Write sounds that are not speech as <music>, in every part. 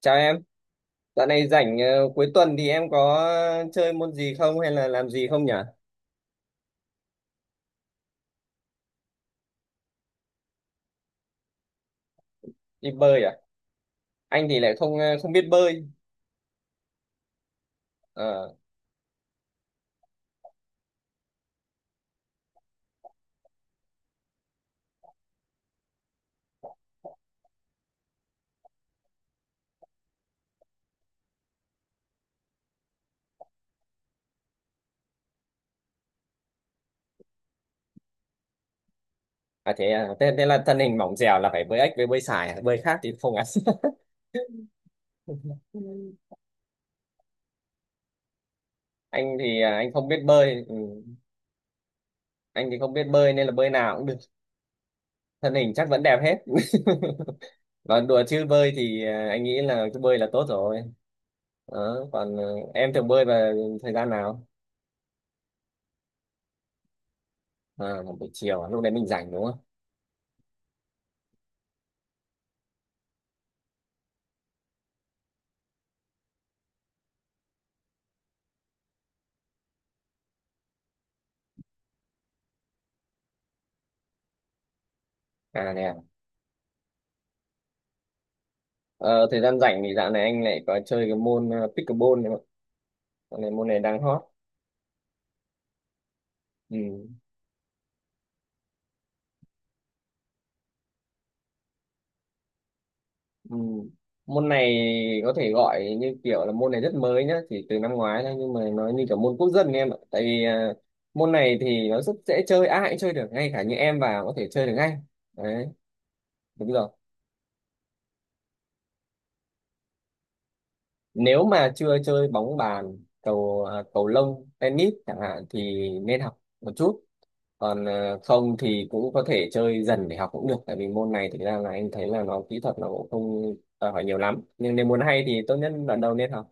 Chào em, dạo này rảnh cuối tuần thì em có chơi môn gì không hay là làm gì không nhỉ? Đi bơi à? Anh thì lại không không biết bơi. Ờ, à, thế, thế là thân hình mỏng dẻo là phải bơi ếch với bơi sải, à? Bơi khác thì không ăn. <laughs> Anh thì anh không biết bơi, ừ. Anh thì không biết bơi nên là bơi nào cũng được, thân hình chắc vẫn đẹp hết. <laughs> Còn đùa chứ bơi thì anh nghĩ là cứ bơi là tốt rồi. Đó, còn em thường bơi vào thời gian nào? À, buổi chiều, à? Lúc đấy mình rảnh đúng không? À nè. Ờ, thời gian rảnh thì dạo này anh lại có chơi cái môn pickleball nữa. Dạo này môn này đang hot. Ừ. Ừ. Môn này có thể gọi như kiểu là môn này rất mới nhá, chỉ từ năm ngoái thôi nhưng mà nó như kiểu môn quốc dân em ạ. Tại vì môn này thì nó rất dễ chơi, ai cũng chơi được, ngay cả như em vào có thể chơi được ngay. Đấy, đúng rồi. Nếu mà chưa chơi bóng bàn cầu cầu lông tennis chẳng hạn thì nên học một chút, còn không thì cũng có thể chơi dần để học cũng được, tại vì môn này thực ra là anh thấy là nó kỹ thuật nó cũng không đòi hỏi nhiều lắm, nhưng nếu muốn hay thì tốt nhất đoạn đầu nên học.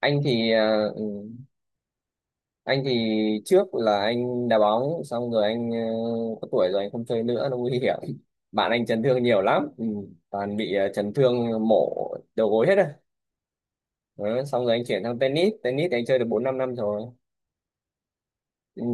Anh thì anh thì trước là anh đá bóng xong rồi anh có tuổi rồi anh không chơi nữa nó nguy hiểm. <laughs> Bạn anh chấn thương nhiều lắm, ừ, toàn bị chấn thương mổ đầu gối hết rồi. Đó, xong rồi anh chuyển sang tennis, tennis thì anh chơi được bốn năm năm rồi, ừ.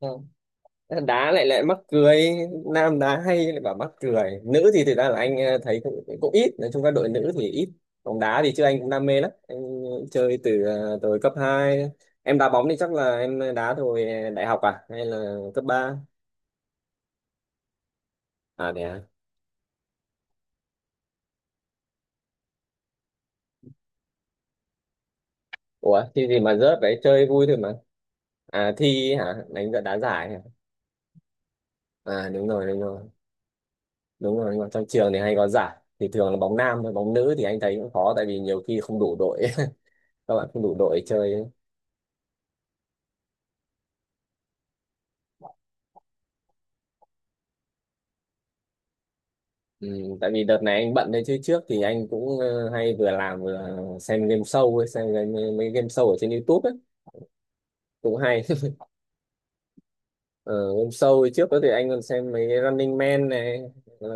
Không. Đá lại lại mắc cười, nam đá hay lại bảo mắc cười, nữ thì thực ra là anh thấy cũng, cũng ít, nói chung các đội nữ thì ít bóng đá, thì chứ anh cũng đam mê lắm, anh chơi từ từ cấp hai. Em đá bóng thì chắc là em đá hồi đại học à hay là cấp ba? À thế à. Ủa thì gì mà rớt đấy, chơi vui thôi mà. À thi hả, đánh đá giải hả? À đúng rồi, đúng rồi, đúng rồi, nhưng mà trong trường thì hay có giải thì thường là bóng nam thôi, bóng nữ thì anh thấy cũng khó tại vì nhiều khi không đủ đội. <laughs> Các bạn không đủ đội chơi ấy. Ừ, tại vì đợt này anh bận, đấy chứ trước thì anh cũng hay vừa làm vừa xem game show ấy, xem game, mấy game show ở trên YouTube ấy, cũng hay. <laughs> Ờ, game show ấy, trước đó thì anh còn xem mấy cái Running Man này, ờ,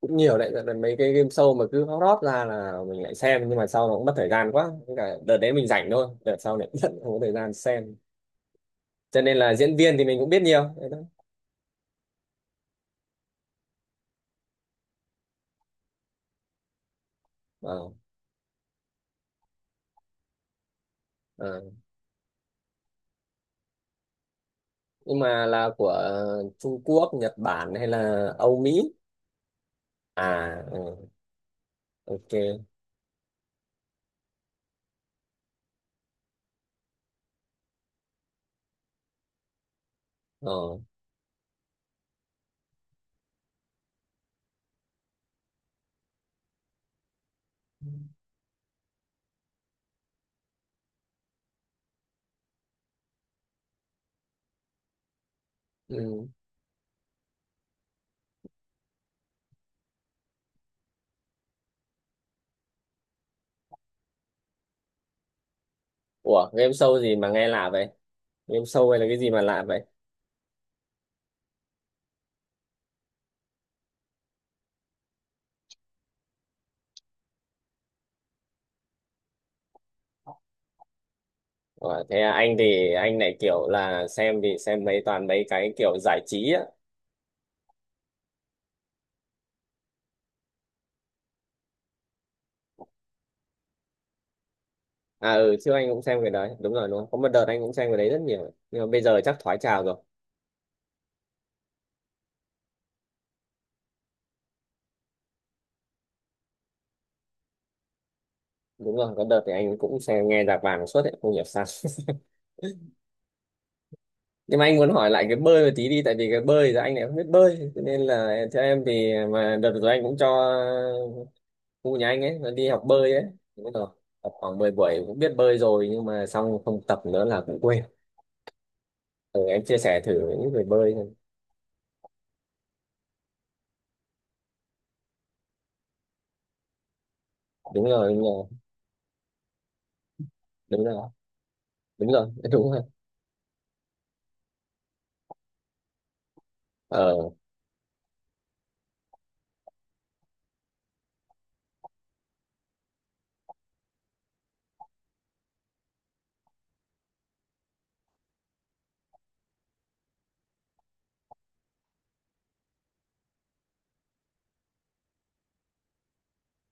cũng nhiều đấy. Đợt mấy cái game show mà cứ hot hot ra là mình lại xem, nhưng mà sau nó cũng mất thời gian quá. Với cả đợt đấy mình rảnh thôi, đợt sau này <laughs> cũng không có thời gian xem, cho nên là diễn viên thì mình cũng biết nhiều. Ờ, ờ. Nhưng mà là của Trung Quốc, Nhật Bản hay là Âu Mỹ? À, ừ, ok. Ờ. Ừ. Ủa, game show gì mà nghe lạ vậy? Game show hay là cái gì mà lạ vậy? Ủa, thế à, anh thì anh lại kiểu là xem thì xem mấy toàn mấy cái kiểu giải trí á. À ừ, trước anh cũng xem cái đấy. Đúng rồi, đúng không? Có một đợt anh cũng xem cái đấy rất nhiều. Nhưng mà bây giờ chắc thoái trào rồi. Đúng rồi, có đợt thì anh cũng xem nghe nhạc vàng suốt ấy, không hiểu sao. <laughs> Nhưng mà anh muốn hỏi lại cái bơi một tí đi, tại vì cái bơi thì anh lại không biết bơi, cho nên là theo em thì mà đợt rồi anh cũng cho khu nhà anh ấy nó đi học bơi ấy. Thì bắt đầu học khoảng 10 buổi cũng biết bơi rồi nhưng mà xong không tập nữa là cũng quên. Ừ, em chia sẻ thử với những người bơi xem. Đúng rồi, đúng rồi, đúng rồi, đúng rồi, <laughs> đúng rồi, ờ,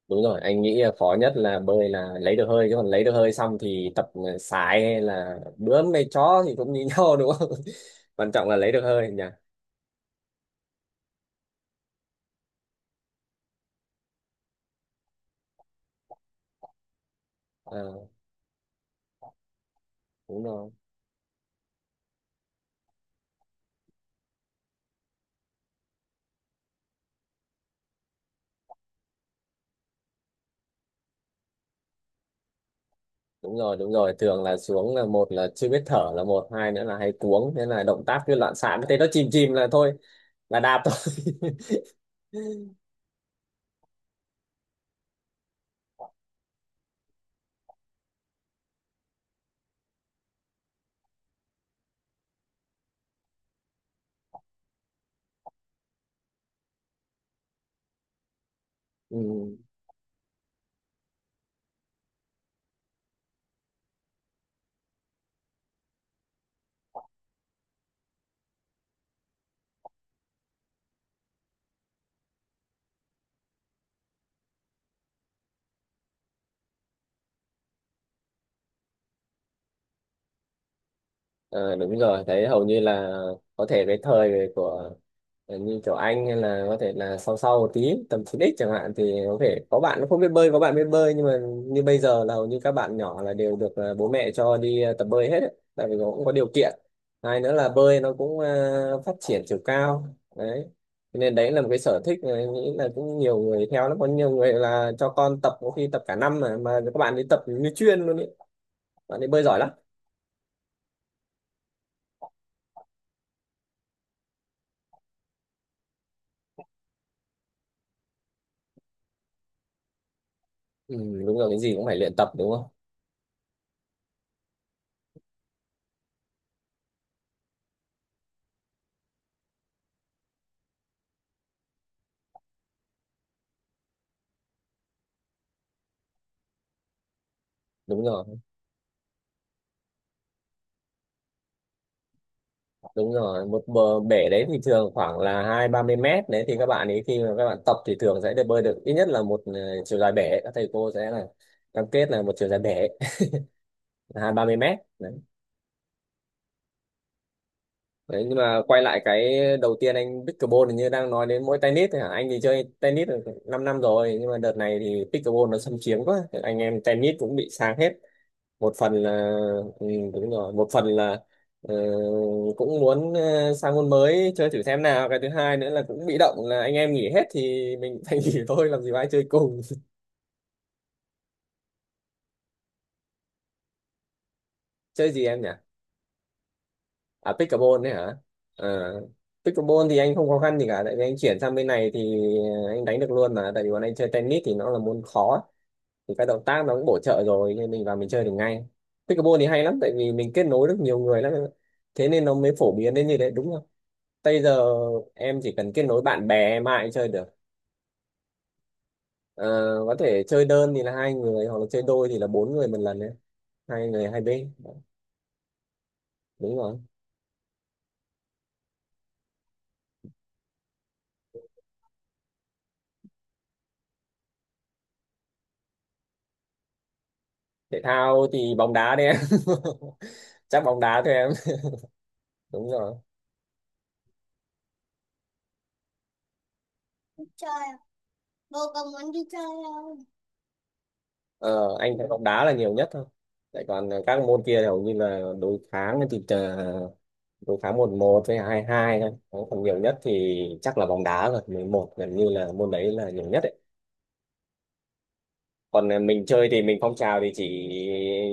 đúng rồi, anh nghĩ là khó nhất là bơi là lấy được hơi, chứ còn lấy được hơi xong thì tập sải hay là bướm hay chó thì cũng như nhau đúng không? <laughs> Quan trọng là lấy được hơi nhỉ. Ờ, đúng rồi, đúng rồi, đúng rồi, thường là xuống là một là chưa biết thở, là một hai nữa là hay cuống, thế là động tác cứ loạn xạ, thế nó chìm chìm là thôi là đạp thôi. <laughs> Ừ. Ờ, đúng rồi, thấy hầu như là có thể cái thời của như kiểu anh, hay là có thể là sau sau một tí tầm 9x chẳng hạn thì có thể có bạn nó không biết bơi, có bạn biết bơi, nhưng mà như bây giờ là hầu như các bạn nhỏ là đều được bố mẹ cho đi tập bơi hết ấy. Tại vì nó cũng có điều kiện, hai nữa là bơi nó cũng phát triển chiều cao đấy. Cho nên đấy là một cái sở thích mà em nghĩ là cũng nhiều người theo lắm, có nhiều người là cho con tập có khi tập cả năm mà các bạn ấy tập như chuyên luôn ấy, bạn ấy bơi giỏi lắm. Ừ, đúng rồi, cái gì cũng phải luyện tập đúng không? Đúng rồi, đúng rồi, một bờ bể đấy thì thường khoảng là hai ba mươi mét đấy, thì các bạn ấy khi mà các bạn tập thì thường sẽ được bơi được ít nhất là một chiều dài bể, các thầy cô sẽ là cam kết là một chiều dài bể <laughs> là hai ba mươi mét đấy. Đấy, nhưng mà quay lại cái đầu tiên anh pickleball, hình như đang nói đến mỗi tennis thôi hả, anh thì chơi tennis được 5 năm năm rồi nhưng mà đợt này thì pickleball nó xâm chiếm quá, anh em tennis cũng bị sang hết. Một phần là ừ, đúng rồi, một phần là ờ, cũng muốn sang môn mới chơi thử xem nào, cái thứ hai nữa là cũng bị động là anh em nghỉ hết thì mình phải <laughs> nghỉ thôi, làm gì có ai chơi cùng. <laughs> Chơi gì em nhỉ? À pickleball đấy hả. Ờ, pickleball thì anh không khó khăn gì cả, tại vì anh chuyển sang bên này thì anh đánh được luôn mà, tại vì bọn anh chơi tennis thì nó là môn khó thì các động tác nó cũng bổ trợ rồi, nên mình vào mình chơi được ngay. Pickleball thì hay lắm tại vì mình kết nối được nhiều người lắm em ạ. Thế nên nó mới phổ biến đến như thế đúng không? Bây giờ em chỉ cần kết nối bạn bè em ai cũng chơi được. Ờ, có thể chơi đơn thì là hai người, hoặc là chơi đôi thì là bốn người một lần đấy. Hai người hai bên. Đúng rồi. Thể thao thì bóng đá đấy em. <laughs> Chắc bóng đá thôi em. Đúng rồi. Chơi à? Bố công muốn đi chơi đâu. Ờ, anh thấy bóng đá là nhiều nhất thôi. Tại còn các môn kia thì hầu như là đối kháng, thì đối kháng một một với hai hai thôi. Còn nhiều nhất thì chắc là bóng đá rồi. Mười một gần như là môn đấy là nhiều nhất đấy. Còn mình chơi thì mình phong trào thì chỉ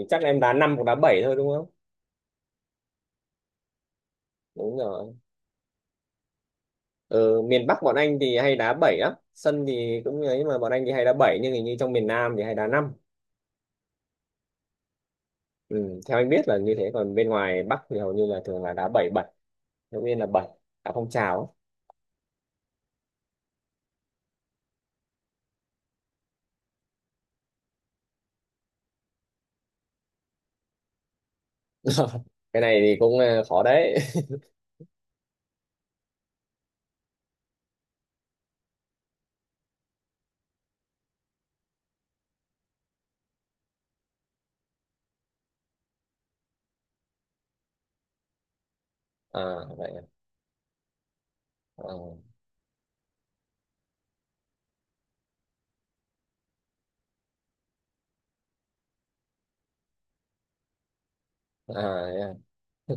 chắc em đá năm hoặc đá bảy thôi đúng không? Đúng rồi. Ừ, miền Bắc bọn anh thì hay đá bảy lắm, sân thì cũng như ấy mà, bọn anh thì hay đá bảy, nhưng hình như trong miền Nam thì hay đá năm. Ừ, theo anh biết là như thế, còn bên ngoài Bắc thì hầu như là thường là đá bảy bảy, đầu tiên là bảy, đá phong trào ấy. <laughs> Cái này thì cũng khó đấy. <laughs> À vậy à, ờ. À, thế à, <laughs> yeah.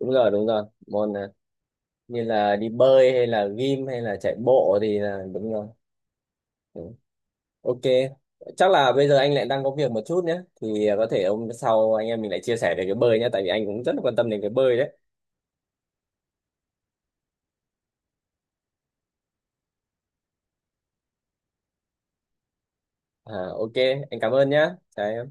Đúng rồi, đúng rồi, môn như là đi bơi hay là gym hay là chạy bộ thì là đúng rồi. Ừ. Ok, chắc là bây giờ anh lại đang có việc một chút nhé. Thì có thể hôm sau anh em mình lại chia sẻ về cái bơi nhé. Tại vì anh cũng rất là quan tâm đến cái bơi đấy. À, ok, anh cảm ơn nhé. Đấy,